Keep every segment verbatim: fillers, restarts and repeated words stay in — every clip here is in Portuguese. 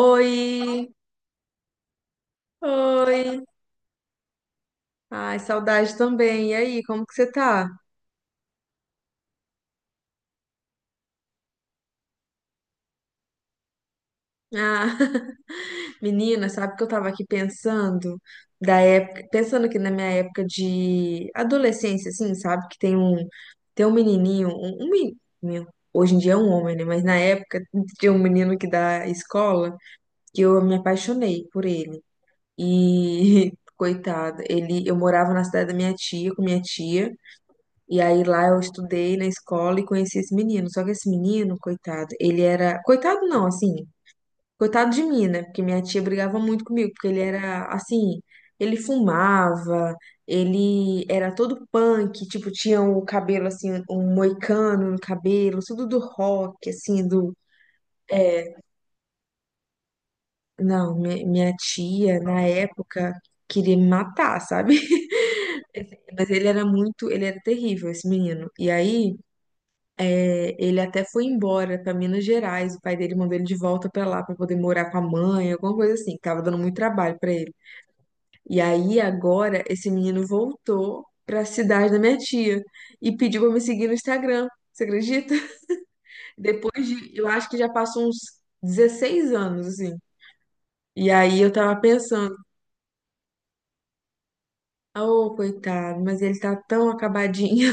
Oi, oi. Ai, saudade também. E aí, como que você tá? Ah, menina, sabe que eu tava aqui pensando da época, pensando aqui na minha época de adolescência, assim, sabe? Que tem um, tem um menininho, um, um menino, hoje em dia é um homem, né? Mas na época tinha um menino que da escola que eu me apaixonei por ele. E coitado, ele, eu morava na cidade da minha tia, com minha tia. E aí lá eu estudei na escola e conheci esse menino. Só que esse menino, coitado, ele era. Coitado não, assim. Coitado de mim, né? Porque minha tia brigava muito comigo, porque ele era assim. Ele fumava, ele era todo punk, tipo, tinha o cabelo assim, um moicano no cabelo, tudo do rock, assim, do. É, não, mi- minha tia, na época, queria me matar, sabe? Mas ele era muito, ele era terrível, esse menino. E aí. É, ele até foi embora para Minas Gerais, o pai dele mandou ele de volta para lá para poder morar com a mãe, alguma coisa assim, que tava dando muito trabalho para ele. E aí agora esse menino voltou para a cidade da minha tia e pediu para me seguir no Instagram. Você acredita? Depois de, eu acho que já passou uns dezesseis anos assim. E aí eu tava pensando, oh, coitado, mas ele tá tão acabadinho.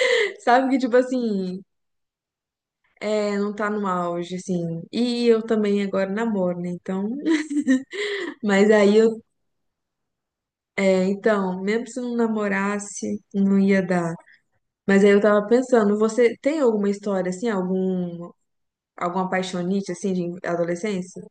Sabe que tipo assim, é, não tá no auge assim. E eu também agora namoro, né? Então mas aí eu, é, então, mesmo se não namorasse, não ia dar. Mas aí eu tava pensando, você tem alguma história assim, algum alguma paixonite assim de adolescência?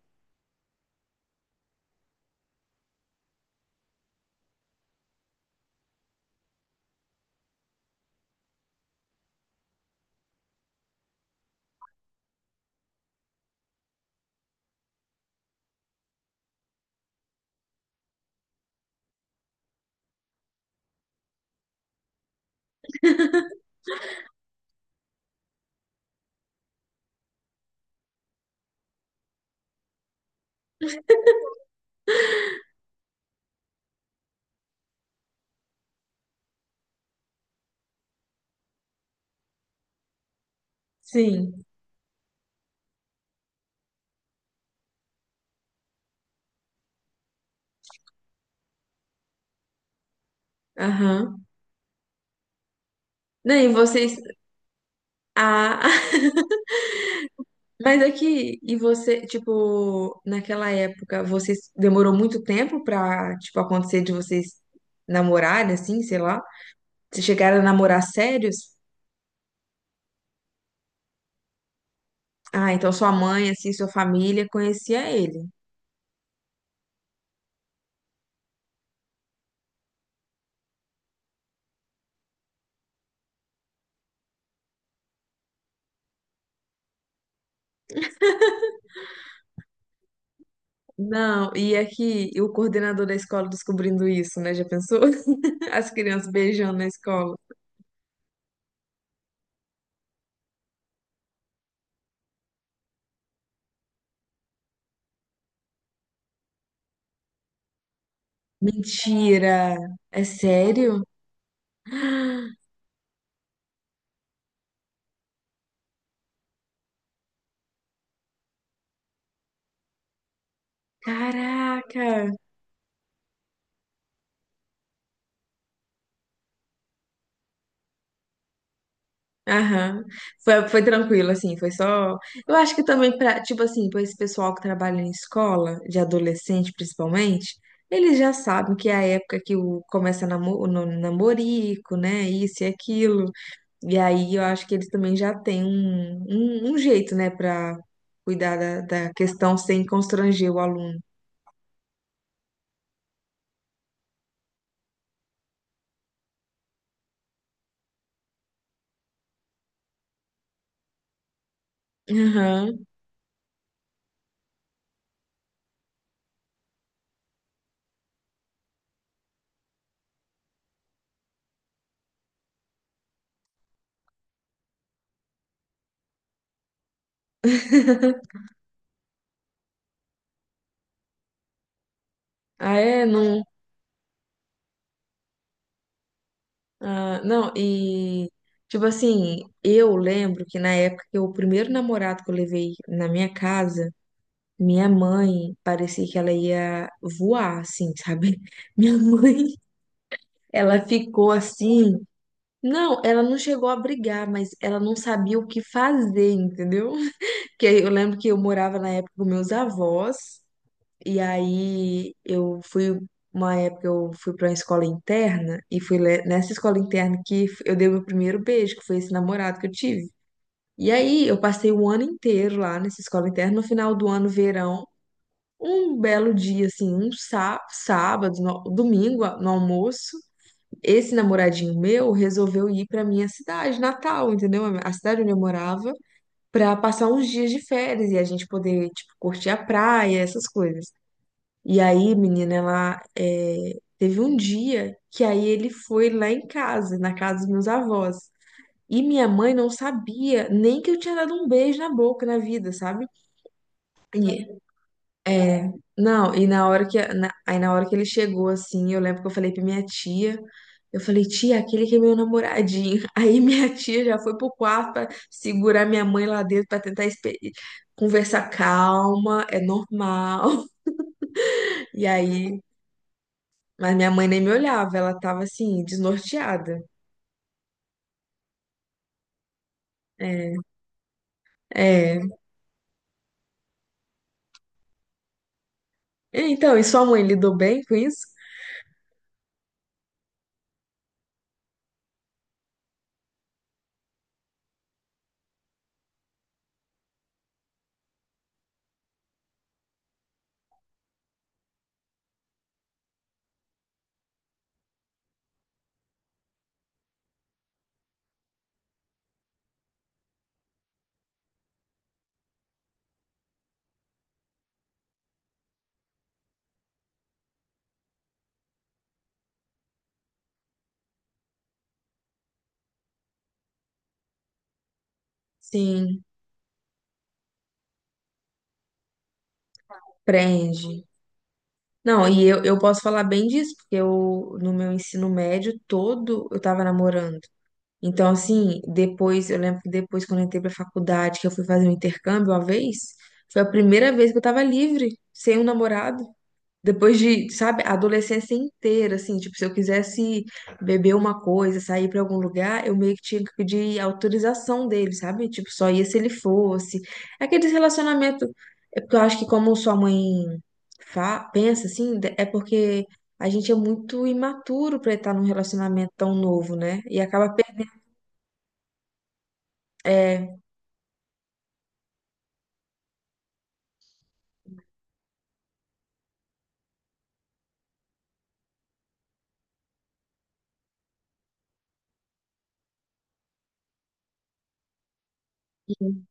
Sim. Aham. Não, e vocês ah, mas aqui e você, tipo, naquela época, vocês demorou muito tempo pra, tipo, acontecer de vocês namorarem assim, sei lá? Vocês chegaram a namorar sérios? Ah, então sua mãe, assim, sua família conhecia ele. Não, e aqui o coordenador da escola descobrindo isso, né? Já pensou? As crianças beijando na escola. Mentira! É sério? Caraca! Aham. Foi, foi tranquilo, assim, foi só. Eu acho que também pra, tipo assim, pra esse pessoal que trabalha em escola, de adolescente principalmente, eles já sabem que é a época que o, começa namo, o no- namorico, né? Isso e aquilo. E aí eu acho que eles também já têm um, um, um jeito, né, para cuidar da, da questão sem constranger o aluno. Aham. Ah, é, não. Ah, não, e tipo assim, eu lembro que na época que o primeiro namorado que eu levei na minha casa, minha mãe parecia que ela ia voar, assim, sabe? Minha mãe, ela ficou assim. Não, ela não chegou a brigar, mas ela não sabia o que fazer, entendeu? Que eu lembro que eu morava na época com meus avós, e aí eu fui, uma época eu fui para uma escola interna, e fui le- nessa escola interna que f- eu dei meu primeiro beijo, que foi esse namorado que eu tive. E aí eu passei o ano inteiro lá nessa escola interna, no final do ano, verão, um belo dia, assim, um sá sábado, no- domingo, a- no almoço, esse namoradinho meu resolveu ir para minha cidade, Natal, entendeu? A cidade onde eu morava para passar uns dias de férias e a gente poder, tipo, curtir a praia, essas coisas. E aí, menina, ela é, teve um dia que aí ele foi lá em casa, na casa dos meus avós. E minha mãe não sabia nem que eu tinha dado um beijo na boca na vida, sabe? E é, não, e na hora que, na- aí na hora que ele chegou, assim, eu lembro que eu falei pra minha tia, eu falei, tia, aquele que é meu namoradinho. Aí minha tia já foi pro quarto pra segurar minha mãe lá dentro pra tentar espe- conversar calma, é normal. E aí, mas minha mãe nem me olhava, ela tava assim, desnorteada. É, é. Então, e sua mãe lidou bem com isso? Sim, prende. Não, e eu, eu posso falar bem disso, porque eu, no meu ensino médio todo, eu tava namorando. Então, assim, depois, eu lembro que depois, quando eu entrei pra faculdade, que eu fui fazer um intercâmbio uma vez, foi a primeira vez que eu tava livre, sem um namorado. Depois de, sabe, a adolescência inteira, assim, tipo, se eu quisesse beber uma coisa, sair pra algum lugar, eu meio que tinha que pedir autorização dele, sabe? Tipo, só ia se ele fosse. Aquele relacionamento, é porque eu acho que como sua mãe fa pensa assim, de- é porque a gente é muito imaturo pra estar num relacionamento tão novo, né? E acaba per- é, sim.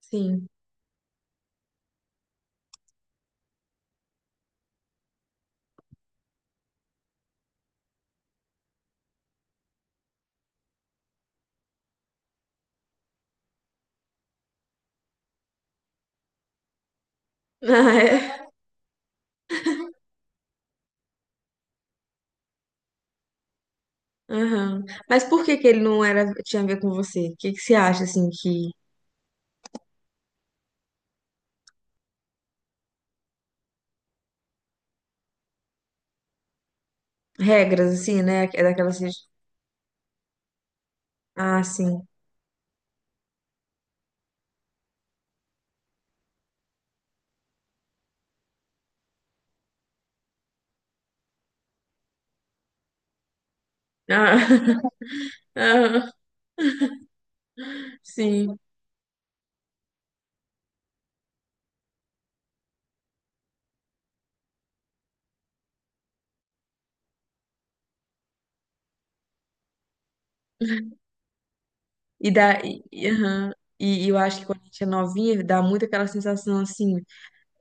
Sim. Ah, é. Aham. Mas por que que ele não era tinha a ver com você? O que que você acha assim que regras, assim, né? É daquelas. Que- ah, sim. Ah, aham, sim. E dá. E, e, aham. E- e eu acho que quando a gente é novinha, dá muito aquela sensação assim.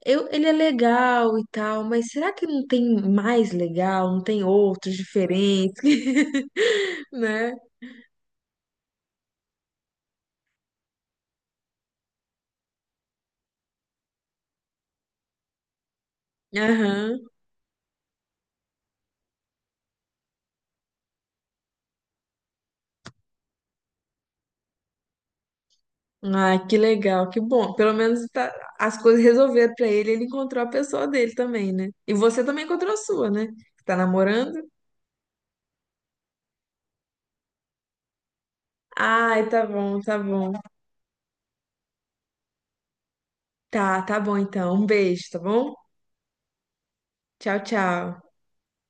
Eu, ele é legal e tal, mas será que não tem mais legal? Não tem outros diferentes? Né? Aham. Ah, que legal, que bom. Pelo menos tá- as coisas resolveram pra ele, ele encontrou a pessoa dele também, né? E você também encontrou a sua, né? Tá namorando? Ai, tá bom, tá bom. Tá, tá bom então. Um beijo, tá bom? Tchau, tchau.